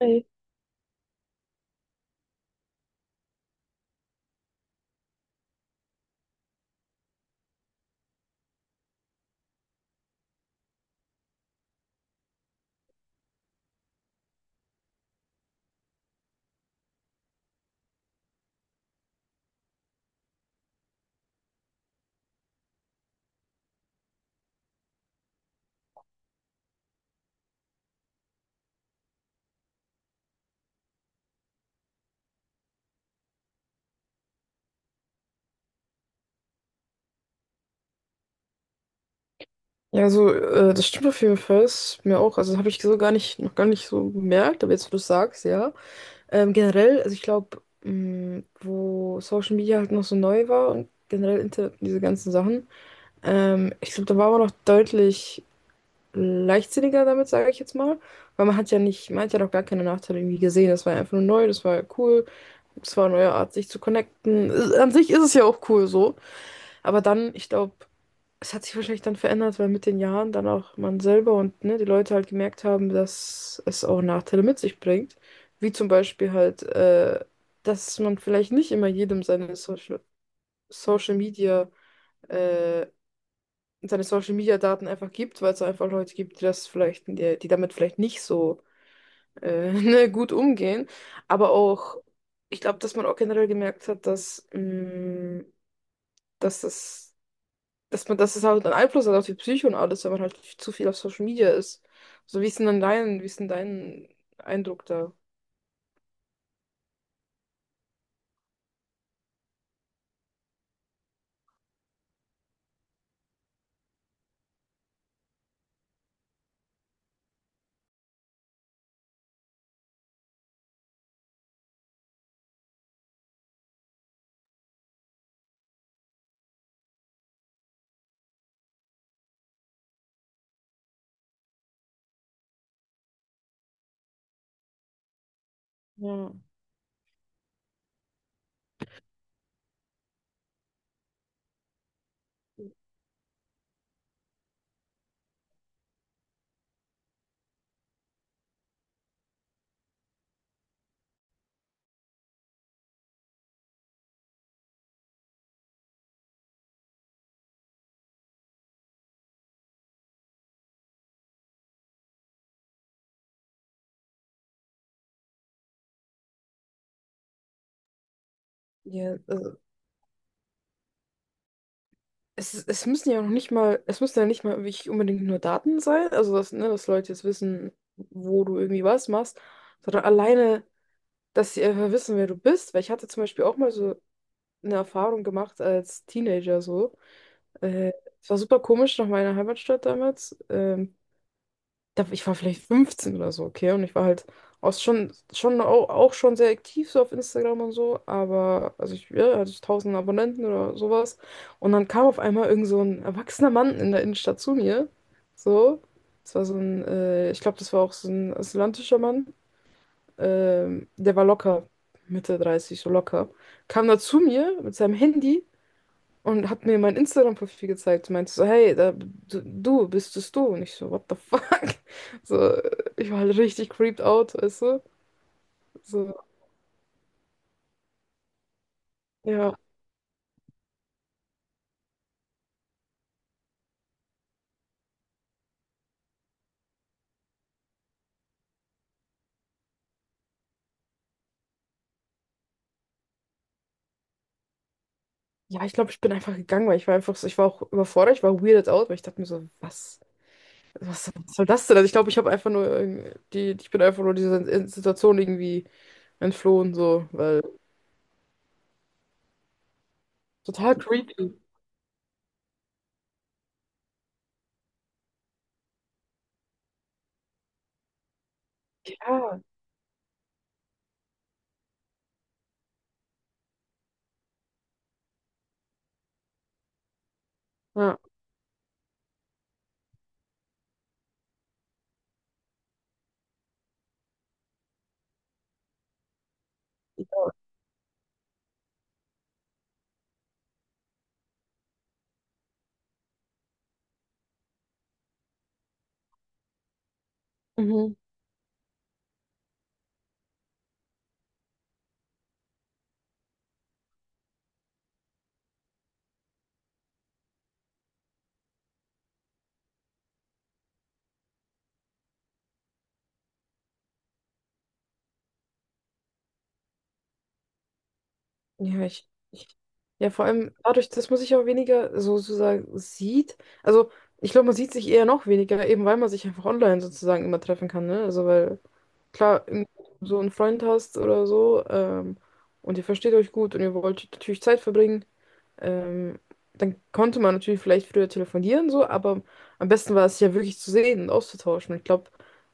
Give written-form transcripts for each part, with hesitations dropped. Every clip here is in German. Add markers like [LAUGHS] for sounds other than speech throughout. Ey. Ja, also, das stimmt auf jeden Fall. Ist mir auch. Also, habe ich so gar nicht, noch gar nicht so bemerkt, aber jetzt, wo du es sagst, ja. Generell, also ich glaube, wo Social Media halt noch so neu war und generell Internet und diese ganzen Sachen, ich glaube, da war man noch deutlich leichtsinniger damit, sage ich jetzt mal. Weil man hat ja nicht, man hat ja noch gar keine Nachteile irgendwie gesehen. Das war ja einfach nur neu, das war ja cool, das war eine neue Art, sich zu connecten. An sich ist es ja auch cool so. Aber dann, ich glaube, es hat sich wahrscheinlich dann verändert, weil mit den Jahren dann auch man selber und, ne, die Leute halt gemerkt haben, dass es auch Nachteile mit sich bringt. Wie zum Beispiel halt, dass man vielleicht nicht immer jedem seine Social, Social Media, äh, seine Social Media Daten einfach gibt, weil es einfach Leute gibt, die das vielleicht, die damit vielleicht nicht so [LAUGHS] ne, gut umgehen. Aber auch, ich glaube, dass man auch generell gemerkt hat, dass, dass dass man, dass es halt einen Einfluss hat auf die Psyche und alles, wenn man halt zu viel auf Social Media ist. So, wie ist denn dann dein, wie ist denn dein Eindruck da? Ja, ja, also, es, es müssen ja noch nicht mal, es müssen ja nicht mal wirklich unbedingt nur Daten sein, also dass, ne, dass Leute jetzt wissen, wo du irgendwie was machst, sondern alleine, dass sie einfach wissen, wer du bist. Weil ich hatte zum Beispiel auch mal so eine Erfahrung gemacht als Teenager so. Äh, Es war super komisch nach meiner Heimatstadt damals. Da, ich war vielleicht 15 oder so, okay? Und ich war halt auch schon, auch schon sehr aktiv so auf Instagram und so, aber also ich ja, hatte ich 1000 Abonnenten oder sowas. Und dann kam auf einmal irgend so ein erwachsener Mann in der Innenstadt zu mir. So, das war so ein, ich glaube, das war auch so ein asylantischer Mann. Der war locker Mitte 30, so locker. Kam da zu mir mit seinem Handy und hat mir mein Instagram-Profil gezeigt und meinte so, hey, da, du bist es, du. Und ich so, what the fuck? [LAUGHS] So, ich war halt richtig creeped out, weißt du? So, ja. Ja, ich glaube, ich bin einfach gegangen, weil ich war einfach so, ich war auch überfordert, ich war weirded out, weil ich dachte mir so, was, was soll das denn? Also ich glaube, ich habe einfach nur ich bin einfach nur dieser Situation irgendwie entflohen, so, weil total creepy. Ja. Ja. Mhm. Ja, ich, ja, vor allem dadurch, dass man sich auch weniger so sozusagen sieht. Also, ich glaube, man sieht sich eher noch weniger, eben weil man sich einfach online sozusagen immer treffen kann, ne? Also, weil, klar, wenn du so einen Freund hast oder so, und ihr versteht euch gut und ihr wollt natürlich Zeit verbringen, ähm, dann konnte man natürlich vielleicht früher telefonieren, so, aber am besten war es ja wirklich zu sehen und auszutauschen. Und ich glaube,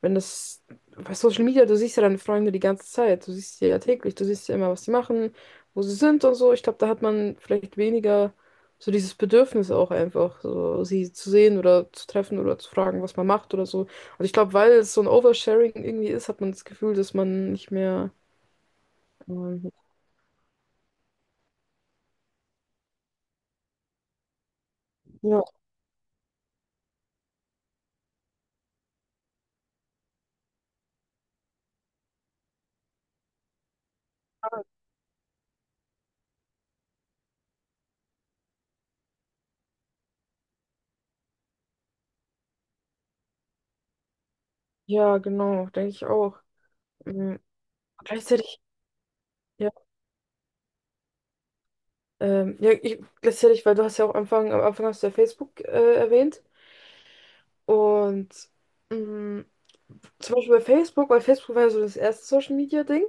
wenn das bei Social Media, du siehst ja deine Freunde die ganze Zeit, du siehst sie ja täglich, du siehst ja immer, was sie machen, wo sie sind und so. Ich glaube, da hat man vielleicht weniger so dieses Bedürfnis auch einfach, so sie zu sehen oder zu treffen oder zu fragen, was man macht oder so. Und ich glaube, weil es so ein Oversharing irgendwie ist, hat man das Gefühl, dass man nicht mehr. Ähm, ja, ja, genau, denke ich auch. Ähm, Gleichzeitig. Ja, ich, gleichzeitig, weil du hast ja auch am Anfang hast du ja Facebook erwähnt. Und, mh, zum Beispiel bei Facebook, weil Facebook war ja so das erste Social Media Ding,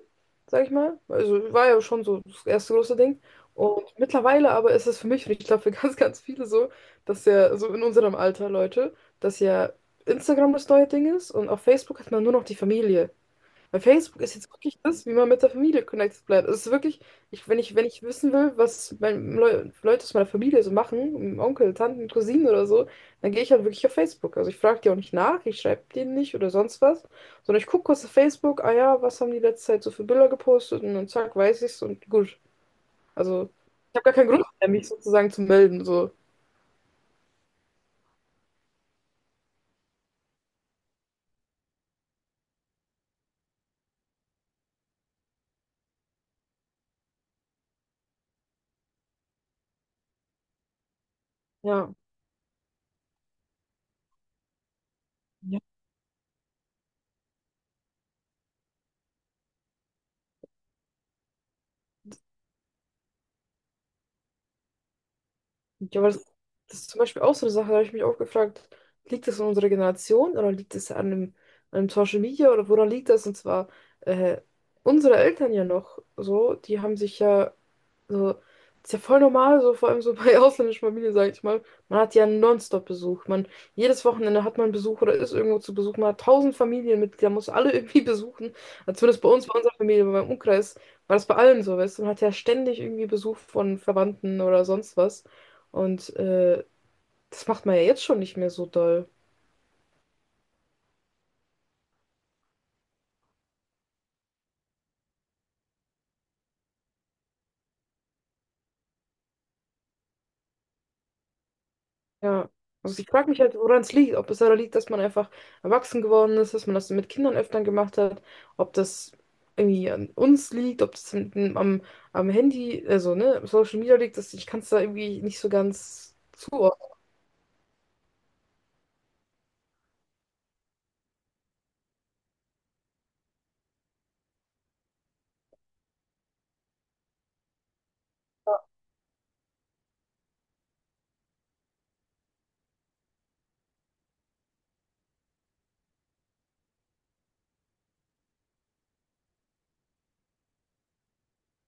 sag ich mal. Also war ja schon so das erste große Ding. Und mittlerweile aber ist es für mich, und ich glaube für [LAUGHS] ganz, ganz viele so, dass ja so in unserem Alter Leute, dass ja Instagram das neue Ding ist und auf Facebook hat man nur noch die Familie. Weil Facebook ist jetzt wirklich das, wie man mit der Familie connected bleibt. Es ist wirklich, ich, wenn ich, wenn ich wissen will, was mein, Leute aus meiner Familie so machen, um Onkel, Tanten, Cousinen oder so, dann gehe ich halt wirklich auf Facebook. Also ich frage die auch nicht nach, ich schreibe denen nicht oder sonst was, sondern ich gucke kurz auf Facebook, ah ja, was haben die letzte Zeit so für Bilder gepostet und dann zack, weiß ich's und gut. Also ich habe gar keinen Grund mehr, mich sozusagen zu melden. So. Ja. Ja, aber das, das ist zum Beispiel auch so eine Sache, da habe ich mich auch gefragt, liegt das an unserer Generation oder liegt es an einem Social Media oder woran liegt das? Und zwar äh, unsere Eltern ja noch so, die haben sich ja so, das ist ja voll normal, so vor allem so bei [LAUGHS] ausländischen Familien, sage ich mal. Man hat ja nonstop Besuch. Man, jedes Wochenende hat man Besuch oder ist irgendwo zu Besuch. Man hat tausend Familienmitglieder, muss alle [LAUGHS] irgendwie besuchen. Also zumindest bei uns, bei unserer Familie, bei meinem Umkreis, war das bei allen so, weißt du. Man hat ja ständig irgendwie Besuch von Verwandten oder sonst was. Und das macht man ja jetzt schon nicht mehr so doll. Ja, also ich frage mich halt, woran es liegt. Ob es daran liegt, dass man einfach erwachsen geworden ist, dass man das mit Kindern öfter gemacht hat, ob das irgendwie an uns liegt, ob das am, am Handy, also, ne, Social Media liegt, dass ich kann es da irgendwie nicht so ganz zuordnen.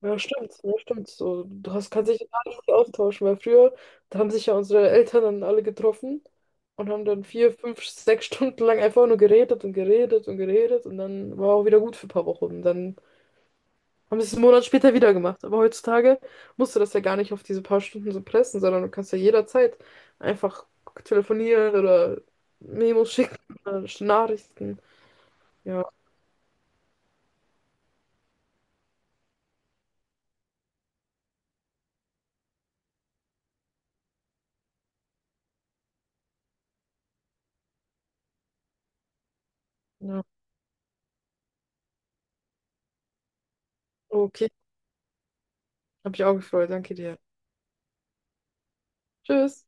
Ja, stimmt, ja, stimmt. So, du hast, kannst dich gar nicht so austauschen, weil früher, da haben sich ja unsere Eltern dann alle getroffen und haben dann 4, 5, 6 Stunden lang einfach nur geredet und geredet und geredet und dann war auch wieder gut für ein paar Wochen. Dann haben das 1 Monat später wieder gemacht. Aber heutzutage musst du das ja gar nicht auf diese paar Stunden so pressen, sondern du kannst ja jederzeit einfach telefonieren oder Memos schicken oder Nachrichten. Ja, ja. Okay. Hab ich auch gefreut. Danke dir. Tschüss.